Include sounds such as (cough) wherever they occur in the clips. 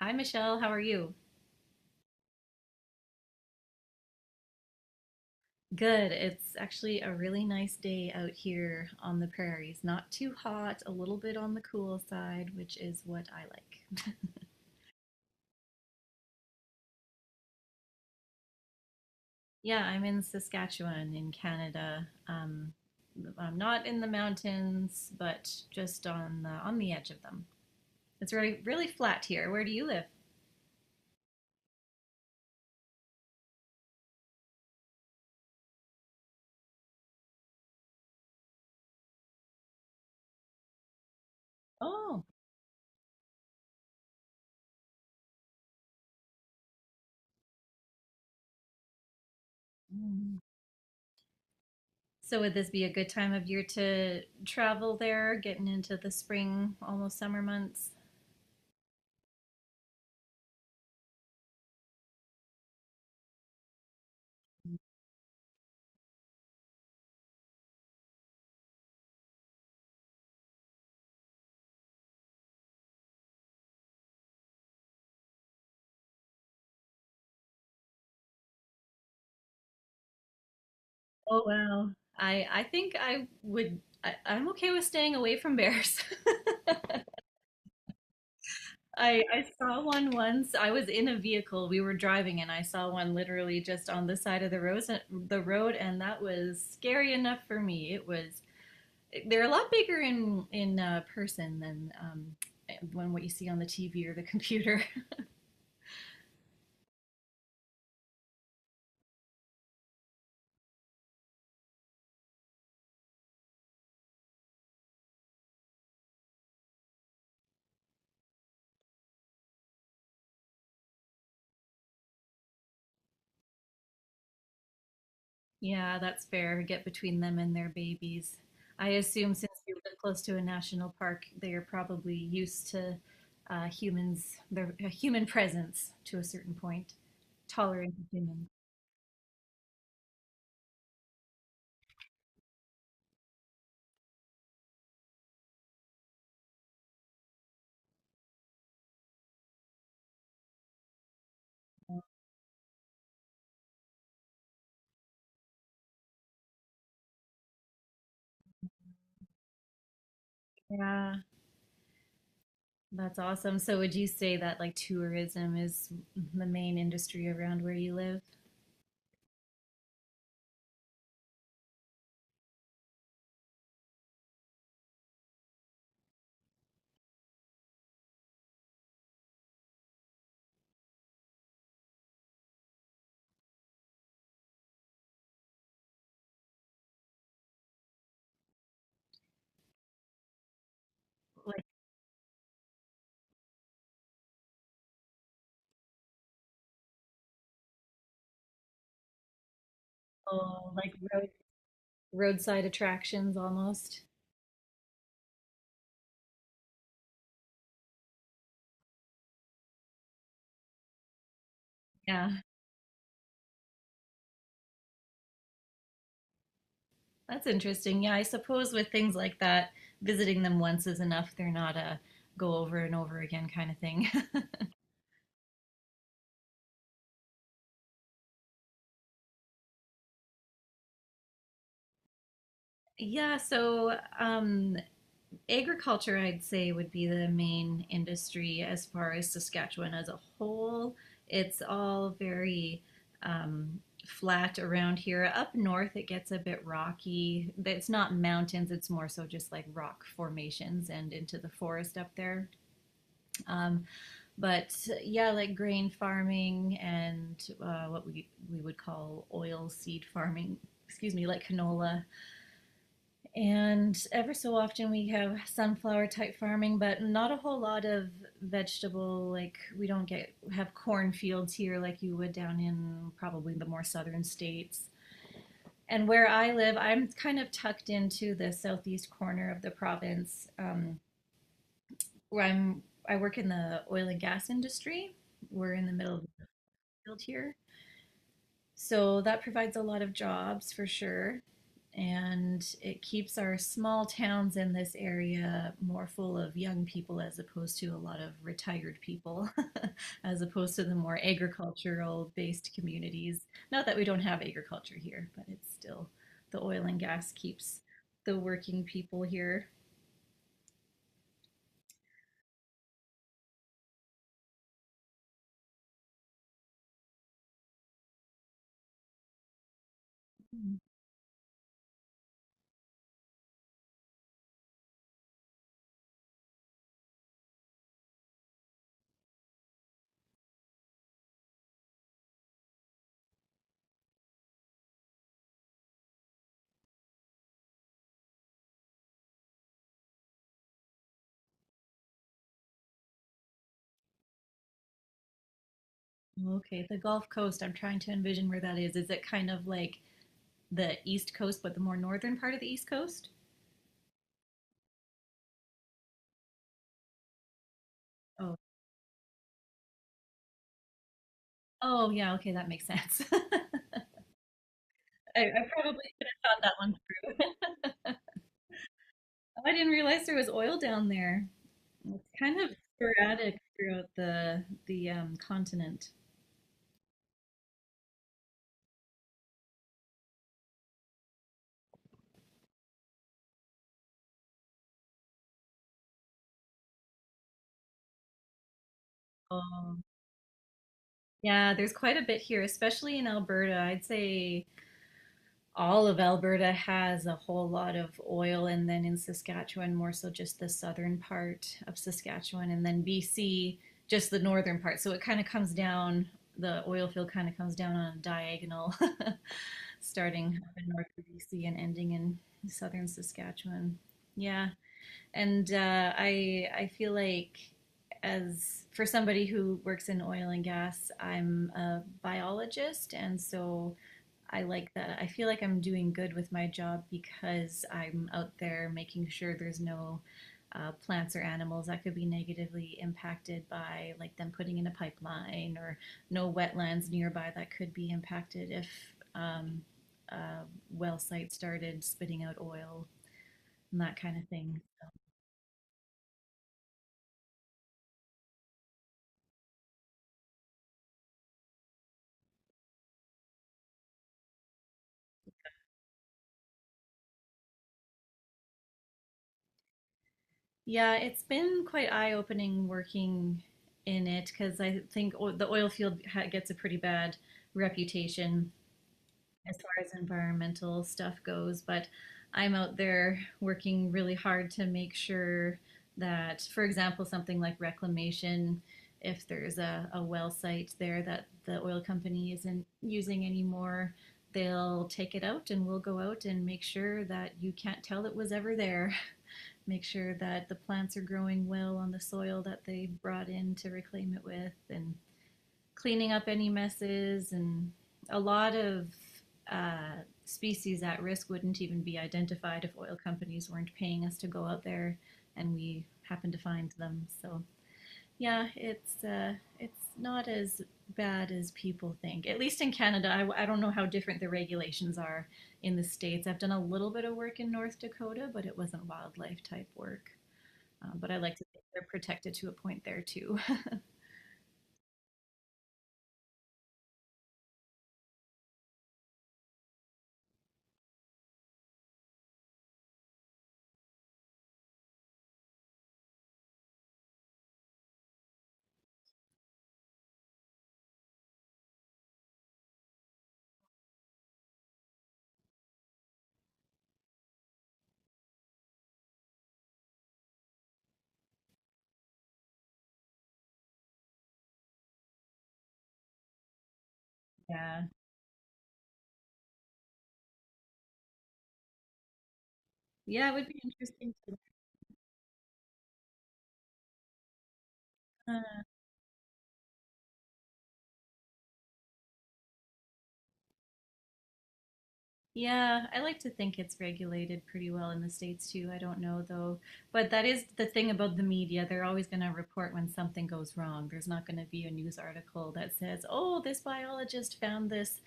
Hi, Michelle. How are you? Good. It's actually a really nice day out here on the prairies. Not too hot, a little bit on the cool side, which is what I like. Yeah, I'm in Saskatchewan in Canada. I'm not in the mountains, but just on the edge of them. It's really really flat here. Where do you live? Oh. Mm. So would this be a good time of year to travel there, getting into the spring, almost summer months? Oh wow. I think I'm okay with staying away from bears. (laughs) I saw one once. I was in a vehicle. We were driving and I saw one literally just on the side of the road, the road, and that was scary enough for me. It was they're a lot bigger in person than when what you see on the TV or the (laughs) computer. Yeah, that's fair. Get between them and their babies. I assume since you live close to a national park, they are probably used to humans, their human presence to a certain point, tolerant of humans. Yeah, that's awesome. So would you say that like tourism is the main industry around where you live? Like, oh, like roadside attractions almost? Yeah. That's interesting. Yeah, I suppose with things like that, visiting them once is enough. They're not a go over and over again kind of thing. (laughs) Yeah, so agriculture, I'd say, would be the main industry as far as Saskatchewan as a whole. It's all very um, flat around here. Up north, it gets a bit rocky. But it's not mountains, it's more so just like rock formations and into the forest up there. Um, but yeah, like grain farming and what we would call oil seed farming. Excuse me, like canola. And ever so often we have sunflower type farming, but not a whole lot of vegetable. Like we don't get have cornfields here like you would down in probably the more southern states. And where I live, I'm kind of tucked into the southeast corner of the province, where I'm. I work in the oil and gas industry. We're in the middle of the field here, so that provides a lot of jobs for sure. And it keeps our small towns in this area more full of young people as opposed to a lot of retired people, (laughs) as opposed to the more agricultural based communities. Not that we don't have agriculture here, but it's still the oil and gas keeps the working people here. Mm. Okay, the Gulf Coast, I'm trying to envision where that is. Is it kind of like the East Coast, but the more northern part of the East Coast? Oh, oh, yeah, okay, that makes sense. (laughs) I probably could have thought that one through. (laughs) Oh, I didn't realize there was oil down there. It's kind of sporadic throughout the continent. Um, yeah, there's quite a bit here, especially in Alberta. I'd say all of Alberta has a whole lot of oil, and then in Saskatchewan, more so just the southern part of Saskatchewan, and then BC, just the northern part. So it kind of comes down, the oil field kind of comes down on a diagonal, (laughs) starting up in northern BC and ending in southern Saskatchewan. Yeah, and I feel like as for somebody who works in oil and gas, I'm a biologist, and so I like that. I feel like I'm doing good with my job because I'm out there making sure there's no plants or animals that could be negatively impacted by like them putting in a pipeline or no wetlands nearby that could be impacted if um, a well site started spitting out oil and that kind of thing. Yeah, it's been quite eye-opening working in it because I think o the oil field ha gets a pretty bad reputation as far as environmental stuff goes, but I'm out there working really hard to make sure that, for example, something like reclamation, if there's a well site there that the oil company isn't using anymore, they'll take it out and we'll go out and make sure that you can't tell it was ever there. (laughs) Make sure that the plants are growing well on the soil that they brought in to reclaim it with and cleaning up any messes, and a lot of uh, species at risk wouldn't even be identified if oil companies weren't paying us to go out there and we happen to find them. So yeah, it's not as bad as people think. At least in Canada, I don't know how different the regulations are in the states. I've done a little bit of work in North Dakota, but it wasn't wildlife type work. But I like to think they're protected to a point there too. (laughs) Yeah, yeah, it would be interesting to. Uh, Yeah, I like to think it's regulated pretty well in the States too. I don't know though. But that is the thing about the media. They're always going to report when something goes wrong. There's not going to be a news article that says, oh, this biologist found this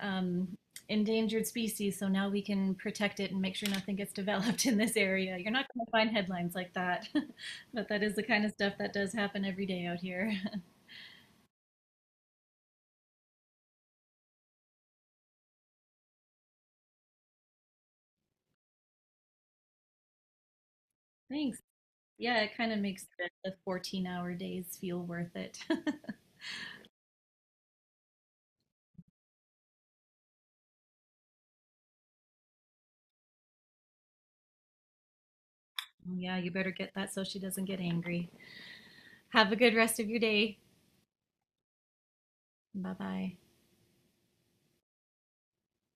um, endangered species, so now we can protect it and make sure nothing gets (laughs) developed in this area. You're not going to find headlines like that. (laughs) But that is the kind of stuff that does happen every day out here. (laughs) Thanks. Yeah, it kind of makes the 14-hour days feel worth it. (laughs) Well, yeah, you better get that so she doesn't get angry. Have a good rest of your day. Bye bye.